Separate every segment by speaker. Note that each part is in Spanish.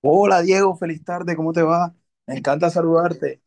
Speaker 1: Hola Diego, feliz tarde, ¿cómo te va? Me encanta saludarte.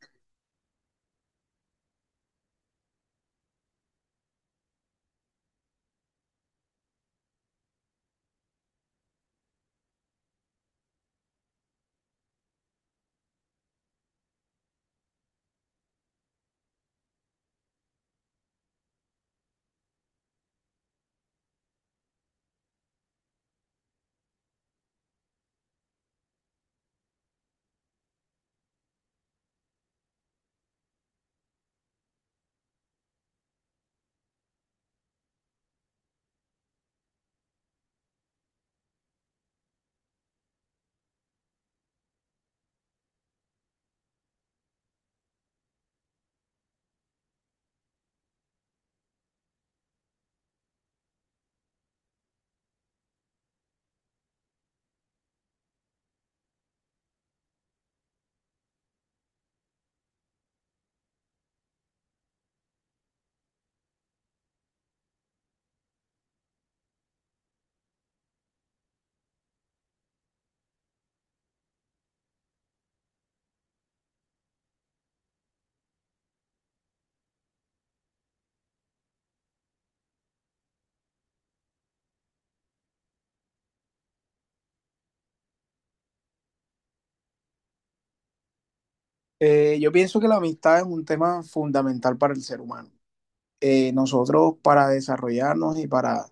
Speaker 1: Yo pienso que la amistad es un tema fundamental para el ser humano. Nosotros para desarrollarnos y para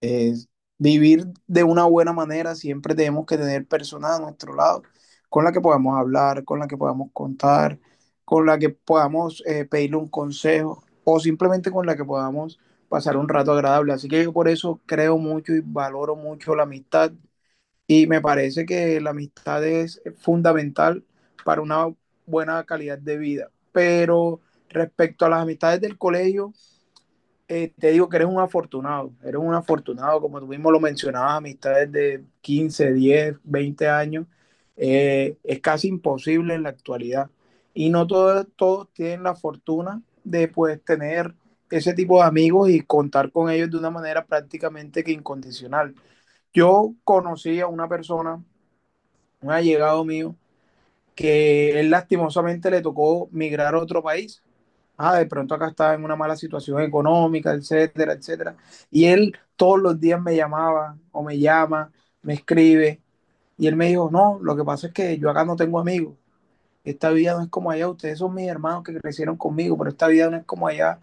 Speaker 1: eh, vivir de una buena manera siempre tenemos que tener personas a nuestro lado con las que podamos hablar, con las que podamos contar, con las que podamos pedirle un consejo o simplemente con las que podamos pasar un rato agradable. Así que yo por eso creo mucho y valoro mucho la amistad. Y me parece que la amistad es fundamental para una buena calidad de vida. Pero respecto a las amistades del colegio, te digo que eres un afortunado, como tú mismo lo mencionabas, amistades de 15 10 20 años, es casi imposible en la actualidad. Y no todos tienen la fortuna de pues tener ese tipo de amigos y contar con ellos de una manera prácticamente que incondicional. Yo conocí a una persona, un allegado mío, que él lastimosamente le tocó migrar a otro país. Ah, de pronto acá estaba en una mala situación económica, etcétera, etcétera. Y él todos los días me llamaba o me llama, me escribe. Y él me dijo, no, lo que pasa es que yo acá no tengo amigos. Esta vida no es como allá. Ustedes son mis hermanos que crecieron conmigo, pero esta vida no es como allá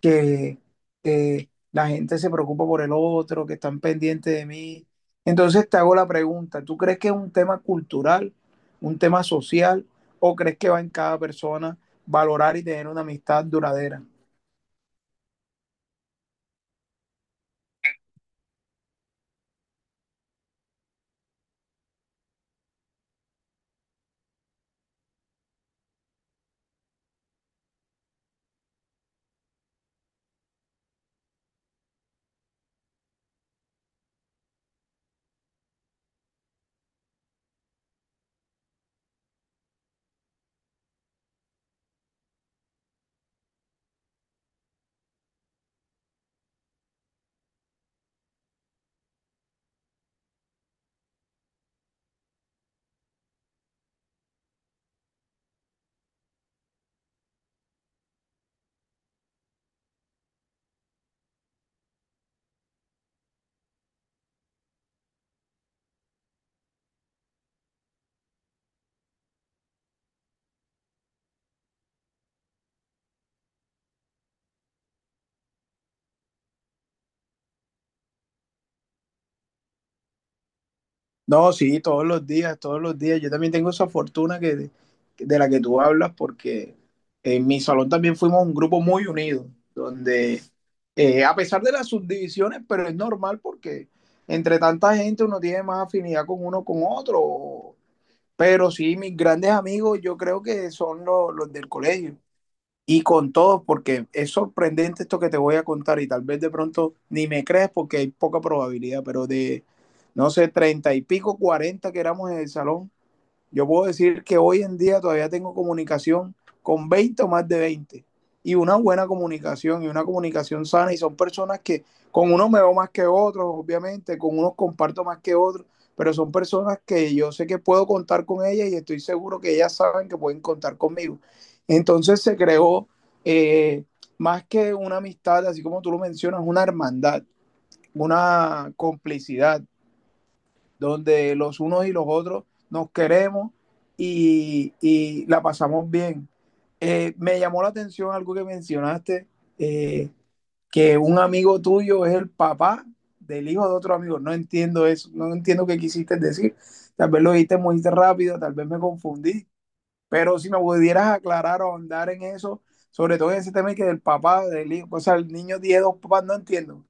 Speaker 1: que la gente se preocupa por el otro, que están pendientes de mí. Entonces te hago la pregunta, ¿tú crees que es un tema cultural, un tema social, o crees que va en cada persona valorar y tener una amistad duradera? No, sí, todos los días, todos los días. Yo también tengo esa fortuna de la que tú hablas, porque en mi salón también fuimos un grupo muy unido, donde a pesar de las subdivisiones, pero es normal porque entre tanta gente uno tiene más afinidad con uno con otro. Pero sí, mis grandes amigos yo creo que son los del colegio y con todos, porque es sorprendente esto que te voy a contar y tal vez de pronto ni me crees porque hay poca probabilidad, pero de, no sé, treinta y pico, 40 que éramos en el salón, yo puedo decir que hoy en día todavía tengo comunicación con 20 o más de 20 y una buena comunicación y una comunicación sana y son personas que con unos me veo más que otros, obviamente, con unos comparto más que otros, pero son personas que yo sé que puedo contar con ellas y estoy seguro que ellas saben que pueden contar conmigo. Entonces se creó eh, más que una amistad, así como tú lo mencionas, una hermandad, una complicidad, donde los unos y los otros nos queremos y la pasamos bien. Me llamó la atención algo que mencionaste, eh, que un amigo tuyo es el papá del hijo de otro amigo. No entiendo eso, no entiendo qué quisiste decir. Tal vez lo dijiste muy rápido, tal vez me confundí, pero si me pudieras aclarar o andar en eso, sobre todo en ese tema que del papá, del hijo, o sea, el niño tiene dos papás, no entiendo.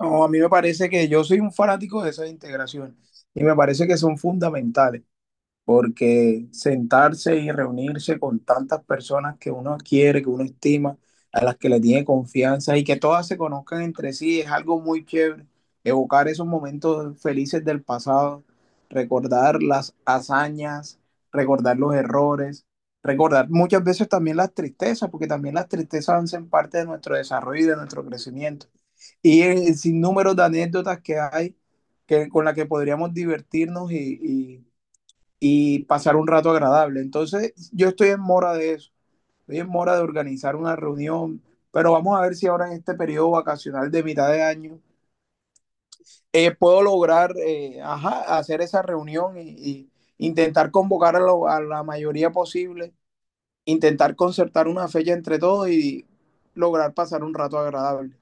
Speaker 1: No, a mí me parece que yo soy un fanático de esas integraciones y me parece que son fundamentales porque sentarse y reunirse con tantas personas que uno quiere, que uno estima, a las que le tiene confianza y que todas se conozcan entre sí, es algo muy chévere. Evocar esos momentos felices del pasado, recordar las hazañas, recordar los errores, recordar muchas veces también las tristezas, porque también las tristezas hacen parte de nuestro desarrollo y de nuestro crecimiento. Y el sinnúmero de anécdotas que hay que, con las que podríamos divertirnos y, y pasar un rato agradable. Entonces, yo estoy en mora de eso, estoy en mora de organizar una reunión, pero vamos a ver si ahora en este periodo vacacional de mitad de año puedo lograr ajá, hacer esa reunión y intentar convocar a la mayoría posible, intentar concertar una fecha entre todos y lograr pasar un rato agradable.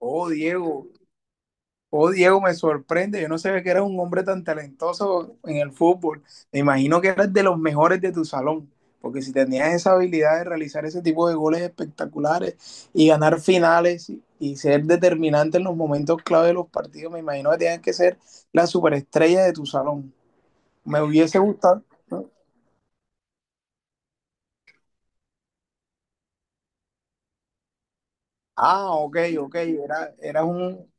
Speaker 1: Oh, Diego, Oh, Diego, me sorprende. Yo no sabía que eras un hombre tan talentoso en el fútbol. Me imagino que eras de los mejores de tu salón, porque si tenías esa habilidad de realizar ese tipo de goles espectaculares y ganar finales y ser determinante en los momentos clave de los partidos, me imagino que tenías que ser la superestrella de tu salón. Me hubiese gustado. ¿No? Ah, ok, ok. Eras un...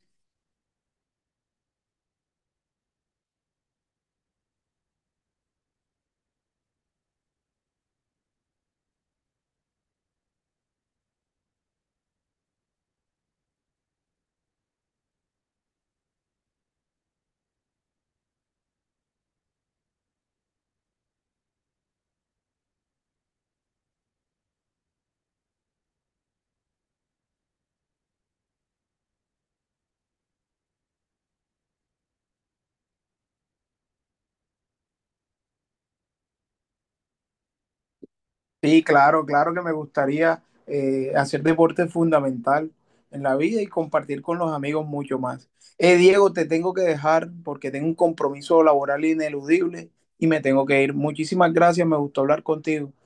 Speaker 1: Sí, claro, claro que me gustaría hacer deporte fundamental en la vida y compartir con los amigos mucho más. Diego, te tengo que dejar porque tengo un compromiso laboral ineludible y me tengo que ir. Muchísimas gracias, me gustó hablar contigo.